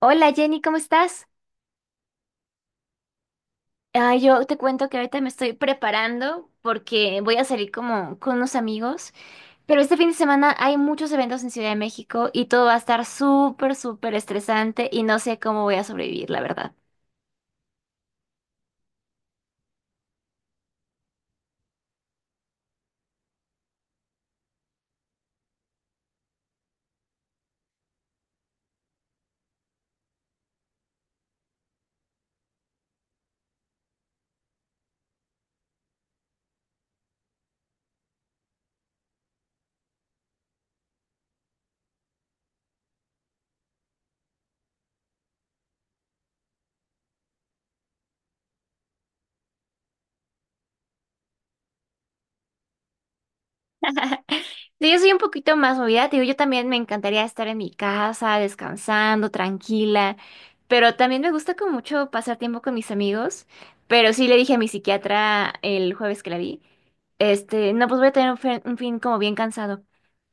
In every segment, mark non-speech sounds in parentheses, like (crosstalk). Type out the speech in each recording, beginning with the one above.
Hola, Jenny, ¿cómo estás? Ah, yo te cuento que ahorita me estoy preparando porque voy a salir como con unos amigos, pero este fin de semana hay muchos eventos en Ciudad de México y todo va a estar súper, súper estresante y no sé cómo voy a sobrevivir, la verdad. Sí, yo soy un poquito más movida, te digo, yo también me encantaría estar en mi casa, descansando, tranquila, pero también me gusta como mucho pasar tiempo con mis amigos, pero sí le dije a mi psiquiatra el jueves que la vi. Este, no, pues voy a tener un fin como bien cansado.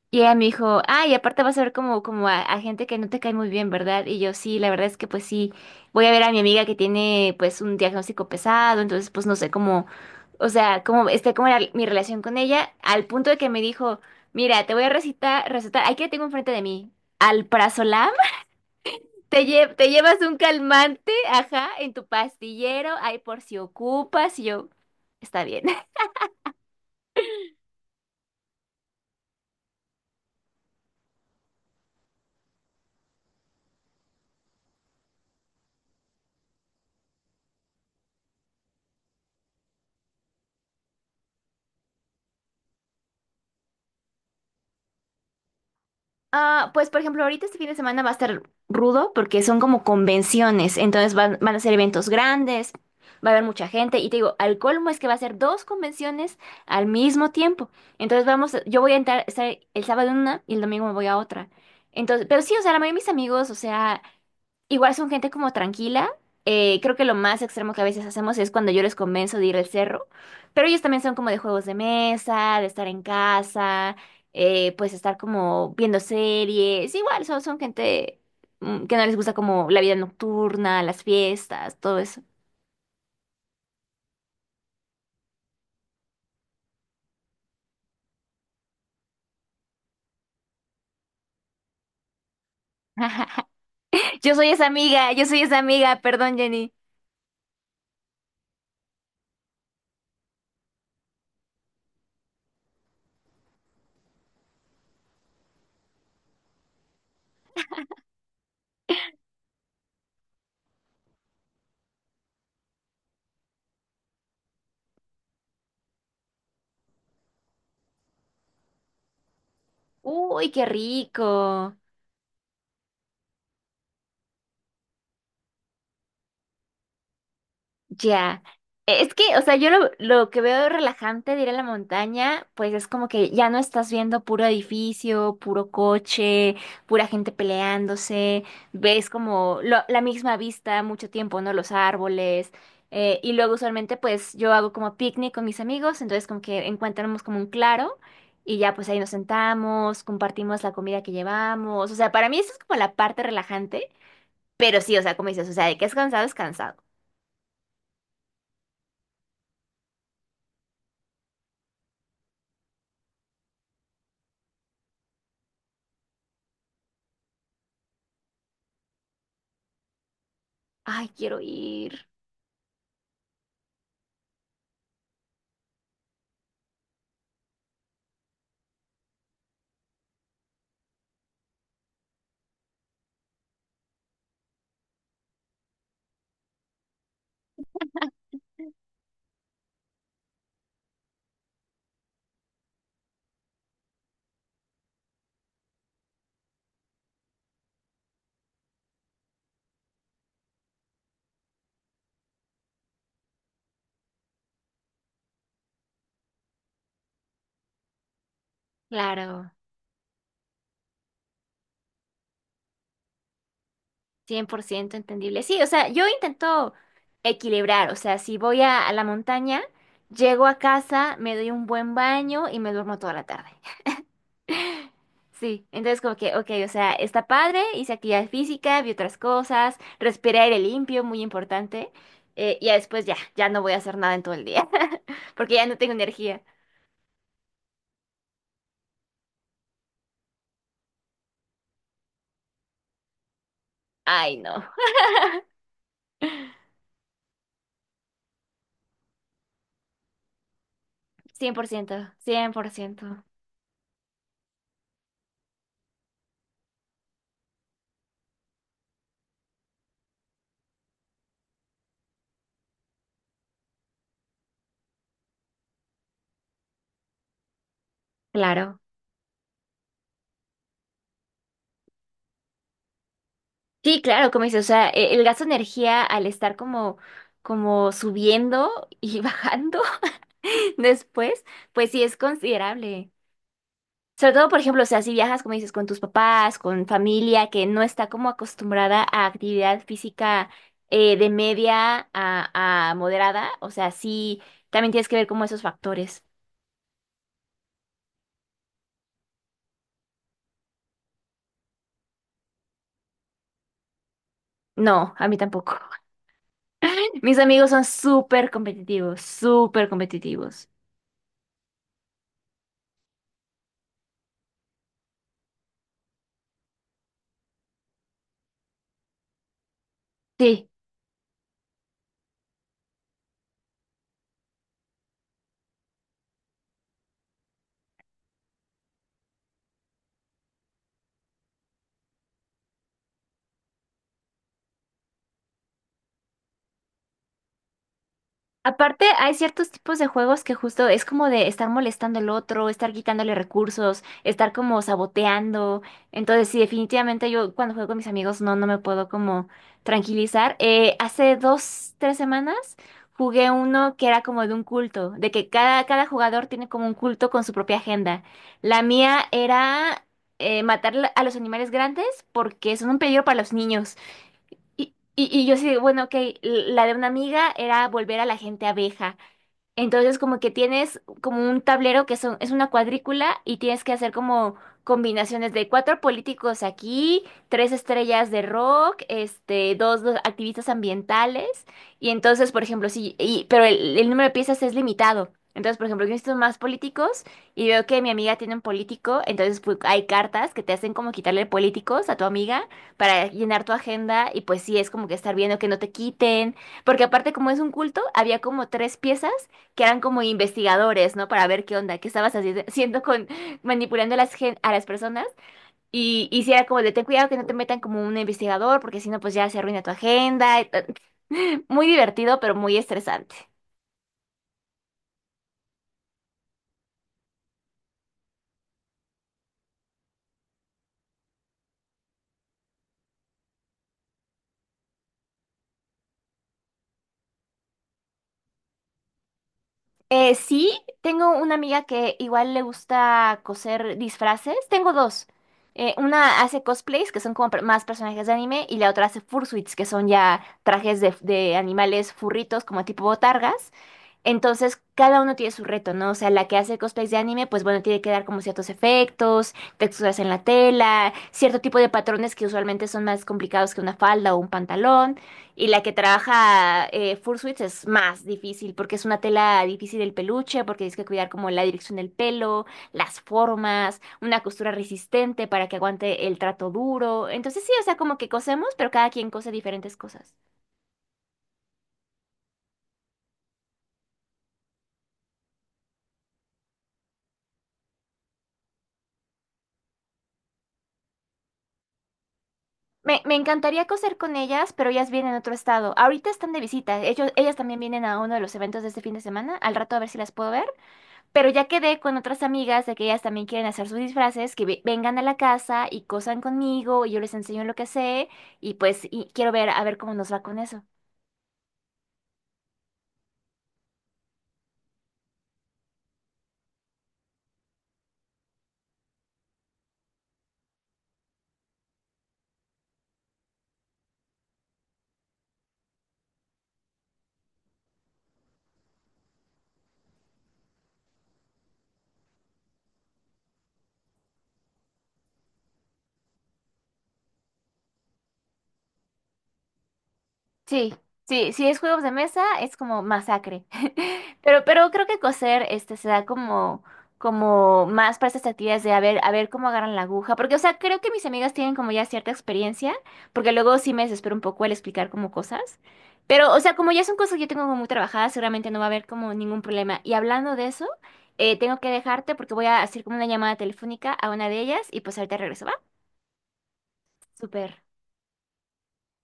Y ella me dijo, ah, y aparte vas a ver como a gente que no te cae muy bien, ¿verdad? Y yo, sí, la verdad es que pues sí, voy a ver a mi amiga que tiene pues un diagnóstico pesado, entonces pues no sé cómo, o sea, cómo esté como era mi relación con ella, al punto de que me dijo, mira, te voy a recetar, aquí la tengo enfrente de mí, alprazolam. Te llevas un calmante, ajá, en tu pastillero, ahí por si ocupas, y yo, está bien. Ah, pues por ejemplo, ahorita este fin de semana va a estar rudo porque son como convenciones, entonces van a ser eventos grandes, va a haber mucha gente y te digo, al colmo es que va a ser dos convenciones al mismo tiempo. Entonces vamos, yo voy a entrar, estar el sábado en una y el domingo me voy a otra. Entonces, pero sí, o sea, la mayoría de mis amigos, o sea, igual son gente como tranquila. Creo que lo más extremo que a veces hacemos es cuando yo les convenzo de ir al cerro, pero ellos también son como de juegos de mesa, de estar en casa, pues estar como viendo series. Igual son, son gente que no les gusta como la vida nocturna, las fiestas, todo eso. Yo soy esa amiga, yo soy esa amiga, perdón, Jenny. Uy, qué rico. Ya. Es que, o sea, yo lo que veo relajante de ir a la montaña, pues es como que ya no estás viendo puro edificio, puro coche, pura gente peleándose, ves como la misma vista mucho tiempo, ¿no? Los árboles. Y luego usualmente pues yo hago como picnic con mis amigos, entonces como que encontramos como un claro y ya pues ahí nos sentamos, compartimos la comida que llevamos. O sea, para mí eso es como la parte relajante, pero sí, o sea, como dices, o sea, de que es cansado, es cansado. Ay, quiero ir. Claro, 100% entendible. Sí, o sea, yo intento equilibrar, o sea, si voy a la montaña, llego a casa, me doy un buen baño y me duermo toda la tarde. (laughs) Sí, entonces como que, ok, o sea, está padre, hice actividad física, vi otras cosas, respiré aire limpio, muy importante, y ya después ya, ya no voy a hacer nada en todo el día, (laughs) porque ya no tengo energía. Ay, no, 100%, 100%. Claro. Sí, claro, como dices, o sea, el gasto de energía al estar como, como subiendo y (laughs) bajando (laughs) después, pues sí es considerable. Sobre todo, por ejemplo, o sea, si viajas, como dices, con tus papás, con familia que no está como acostumbrada a actividad física de media a moderada, o sea, sí, también tienes que ver como esos factores. No, a mí tampoco. (laughs) Mis amigos son súper competitivos, súper competitivos. Sí. Aparte, hay ciertos tipos de juegos que justo es como de estar molestando al otro, estar quitándole recursos, estar como saboteando. Entonces, sí, definitivamente yo cuando juego con mis amigos no, no me puedo como tranquilizar. Hace dos, 3 semanas jugué uno que era como de un culto, de que cada jugador tiene como un culto con su propia agenda. La mía era matar a los animales grandes porque son un peligro para los niños. Y yo sí, bueno, ok, la de una amiga era volver a la gente abeja. Entonces, como que tienes como un tablero que son, es una cuadrícula y tienes que hacer como combinaciones de cuatro políticos aquí, tres estrellas de rock, este, dos activistas ambientales. Y entonces, por ejemplo, sí, y, pero el número de piezas es limitado. Entonces, por ejemplo, yo necesito más políticos y veo que mi amiga tiene un político, entonces pues, hay cartas que te hacen como quitarle políticos a tu amiga para llenar tu agenda y pues sí, es como que estar viendo que no te quiten, porque aparte como es un culto, había como tres piezas que eran como investigadores, ¿no? Para ver qué onda, qué estabas haciendo con, manipulando a a las personas. Y si era como de ten cuidado que no te metan como un investigador, porque si no, pues ya se arruina tu agenda. (laughs) Muy divertido, pero muy estresante. Sí, tengo una amiga que igual le gusta coser disfraces. Tengo dos. Una hace cosplays, que son como más personajes de anime, y la otra hace fursuits, que son ya trajes de animales furritos, como tipo botargas. Entonces, cada uno tiene su reto, ¿no? O sea, la que hace cosplays de anime, pues bueno, tiene que dar como ciertos efectos, texturas en la tela, cierto tipo de patrones que usualmente son más complicados que una falda o un pantalón. Y la que trabaja fursuits es más difícil porque es una tela difícil del peluche, porque tienes que cuidar como la dirección del pelo, las formas, una costura resistente para que aguante el trato duro. Entonces, sí, o sea, como que cosemos, pero cada quien cose diferentes cosas. Me encantaría coser con ellas, pero ellas vienen a otro estado. Ahorita están de visita. Ellas también vienen a uno de los eventos de este fin de semana. Al rato a ver si las puedo ver. Pero ya quedé con otras amigas de que ellas también quieren hacer sus disfraces, que vengan a la casa y cosan conmigo y yo les enseño lo que sé. Y pues y quiero ver a ver cómo nos va con eso. Sí, sí, si es juegos de mesa es como masacre. (laughs) Pero creo que coser este se da como, como más para estas actividades de a ver cómo agarran la aguja. Porque, o sea, creo que mis amigas tienen como ya cierta experiencia, porque luego sí me desespero un poco al explicar como cosas. Pero, o sea, como ya son cosas que yo tengo como muy trabajadas, seguramente no va a haber como ningún problema. Y hablando de eso, tengo que dejarte porque voy a hacer como una llamada telefónica a una de ellas y pues ahorita regreso, ¿va? Súper.